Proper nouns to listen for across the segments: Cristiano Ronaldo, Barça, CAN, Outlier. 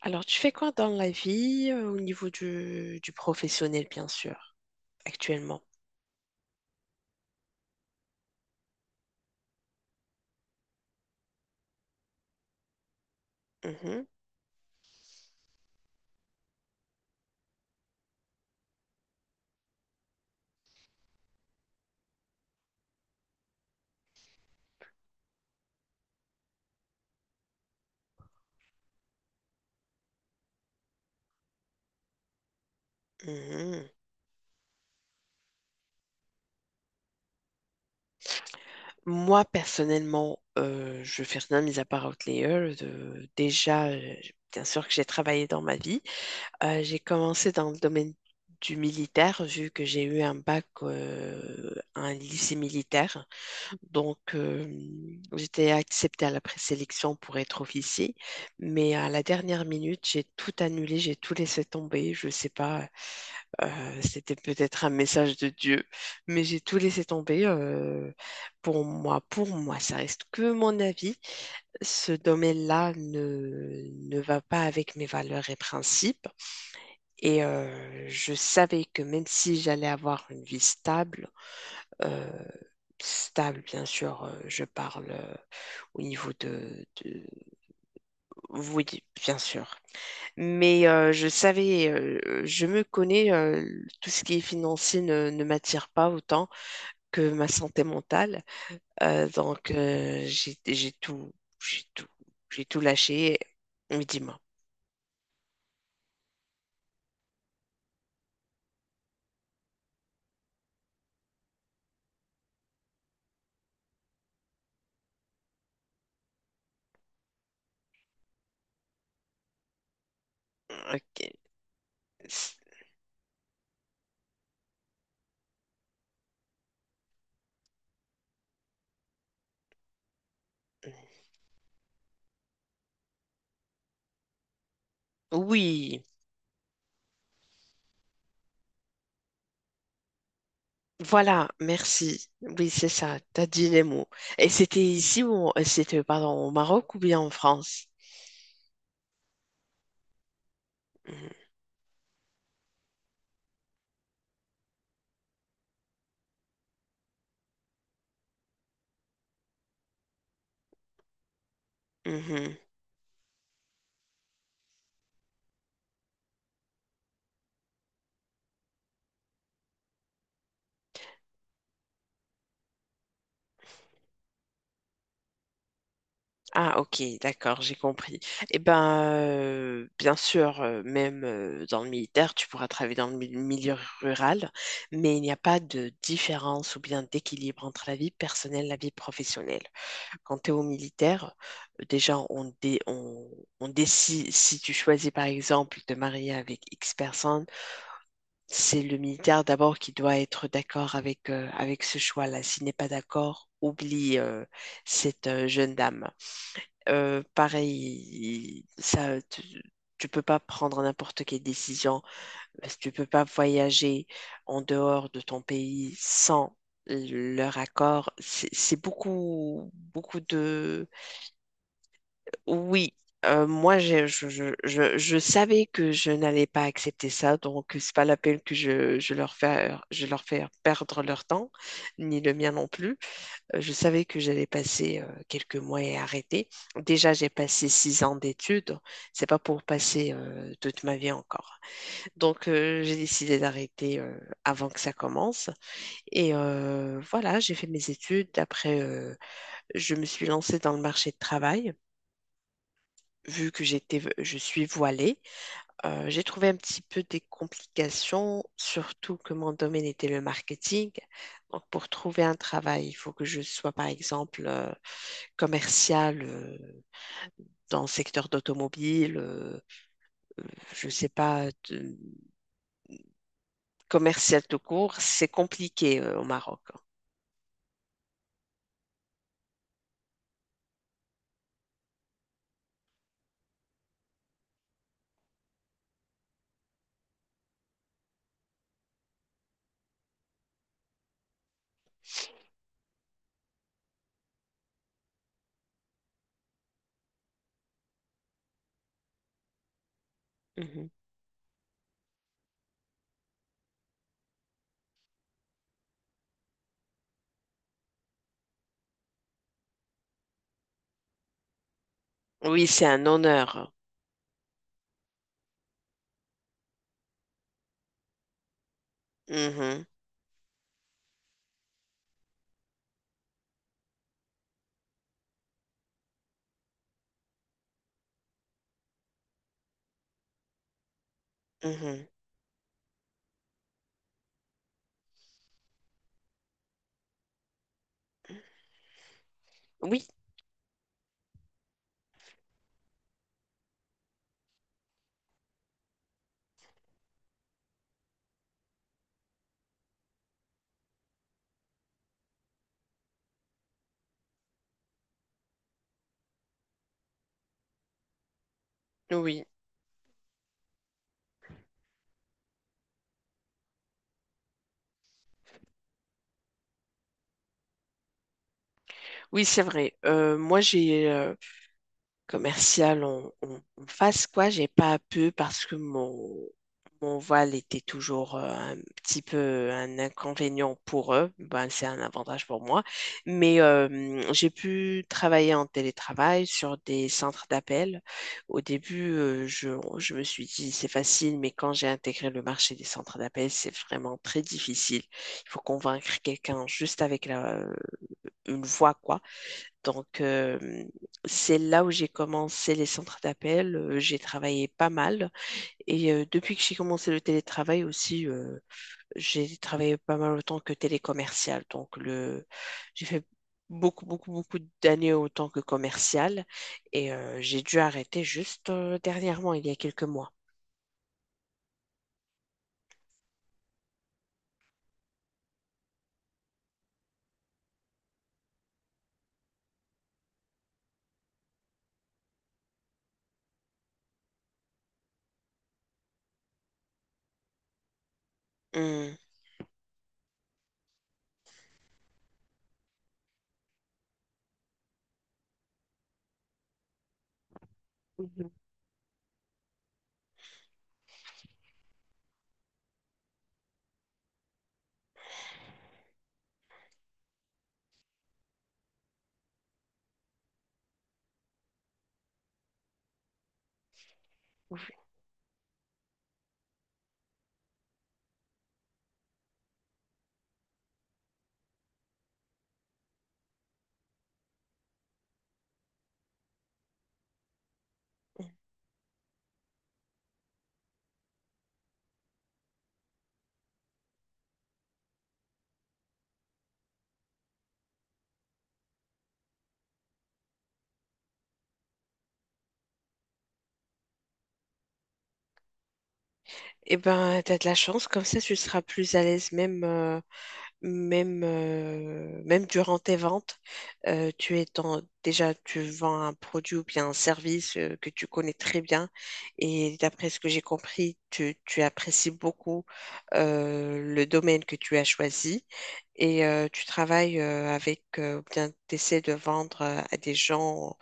Alors, tu fais quoi dans la vie au niveau du professionnel, bien sûr, actuellement? Mhm, mhm. Moi, personnellement, je fais rien mis à part Outlier. Déjà, bien sûr que j'ai travaillé dans ma vie. J'ai commencé dans le domaine du militaire, vu que j'ai eu un bac à un lycée militaire. Donc, j'étais acceptée à la présélection pour être officier, mais à la dernière minute, j'ai tout annulé, j'ai tout laissé tomber. Je sais pas, c'était peut-être un message de Dieu, mais j'ai tout laissé tomber. Pour moi, pour moi, ça reste que mon avis. Ce domaine-là ne va pas avec mes valeurs et principes. Et je savais que même si j'allais avoir une vie stable, euh, stable, bien sûr. Je parle au niveau de. Oui, bien sûr. Mais je savais, je me connais, tout ce qui est financier ne m'attire pas autant que ma santé mentale. Donc, j'ai j'ai tout, j'ai tout lâché. Mais dis-moi. Ok. Oui, voilà, merci. Oui, c'est ça, t'as dit les mots. Et c'était ici ou c'était, pardon, au Maroc ou bien en France? Mhm, mhm. Ah, ok, d'accord, j'ai compris. Eh ben, bien sûr, même dans le militaire, tu pourras travailler dans le milieu rural, mais il n'y a pas de différence ou bien d'équilibre entre la vie personnelle et la vie professionnelle. Quand tu es au militaire, déjà, on décide, si tu choisis par exemple de te marier avec X personnes, c'est le militaire d'abord qui doit être d'accord avec, avec ce choix-là. S'il n'est pas d'accord, oublie cette jeune dame. Pareil, tu peux pas prendre n'importe quelle décision, parce que tu peux pas voyager en dehors de ton pays sans leur accord. C'est beaucoup, beaucoup de... Oui. Moi, je savais que je n'allais pas accepter ça, donc c'est pas la peine que je leur je leur fais perdre leur temps, ni le mien non plus. Je savais que j'allais passer quelques mois et arrêter. Déjà, j'ai passé 6 ans d'études. C'est pas pour passer toute ma vie encore. Donc, j'ai décidé d'arrêter avant que ça commence. Et voilà, j'ai fait mes études. Après, je me suis lancée dans le marché de travail. Vu que je suis voilée, j'ai trouvé un petit peu des complications, surtout que mon domaine était le marketing. Donc, pour trouver un travail, il faut que je sois, par exemple, commercial dans le secteur d'automobile, euh, je ne sais pas, commercial tout court, c'est compliqué au Maroc. Mhm. Oui, c'est un honneur. Mhm, mhm. Oui, oui, oui, c'est vrai. Moi, j'ai commercial, on fasse quoi? J'ai pas pu parce que mon voile était toujours un petit peu un inconvénient pour eux. Ben, c'est un avantage pour moi. Mais j'ai pu travailler en télétravail sur des centres d'appel. Au début, je me suis dit c'est facile, mais quand j'ai intégré le marché des centres d'appel, c'est vraiment très difficile. Il faut convaincre quelqu'un juste avec une voix, quoi. Donc, c'est là où j'ai commencé les centres d'appel. J'ai travaillé pas mal. Et depuis que j'ai commencé le télétravail aussi, j'ai travaillé pas mal autant que télécommercial. Donc, le... j'ai fait beaucoup, beaucoup, beaucoup d'années autant que commercial. Et j'ai dû arrêter juste dernièrement, il y a quelques mois. Hum. Mhm. Eh ben, t'as de la chance, comme ça tu seras plus à l'aise même même, même durant tes ventes, tu es déjà, tu vends un produit ou bien un service que tu connais très bien. Et d'après ce que j'ai compris, tu apprécies beaucoup le domaine que tu as choisi. Et tu travailles avec, ou bien tu essaies de vendre à des gens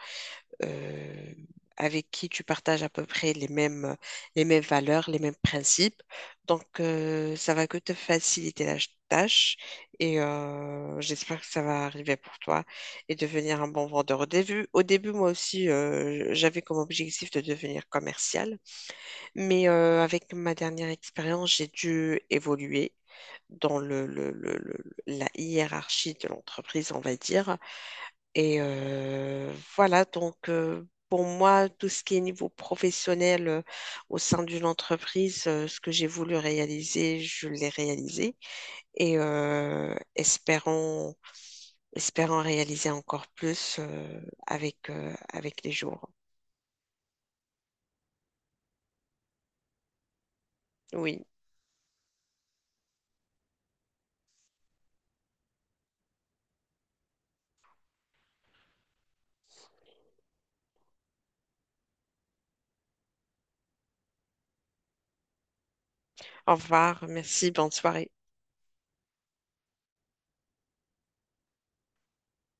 euh, avec qui tu partages à peu près les mêmes valeurs, les mêmes principes. Donc, ça va que te faciliter la tâche et j'espère que ça va arriver pour toi et devenir un bon vendeur. Au début moi aussi, j'avais comme objectif de devenir commercial, mais avec ma dernière expérience, j'ai dû évoluer dans la hiérarchie de l'entreprise, on va dire. Et voilà, donc pour moi, tout ce qui est niveau professionnel au sein d'une entreprise, ce que j'ai voulu réaliser, je l'ai réalisé. Et espérons, espérons réaliser encore plus avec, avec les jours. Oui, au revoir, merci, bonne soirée.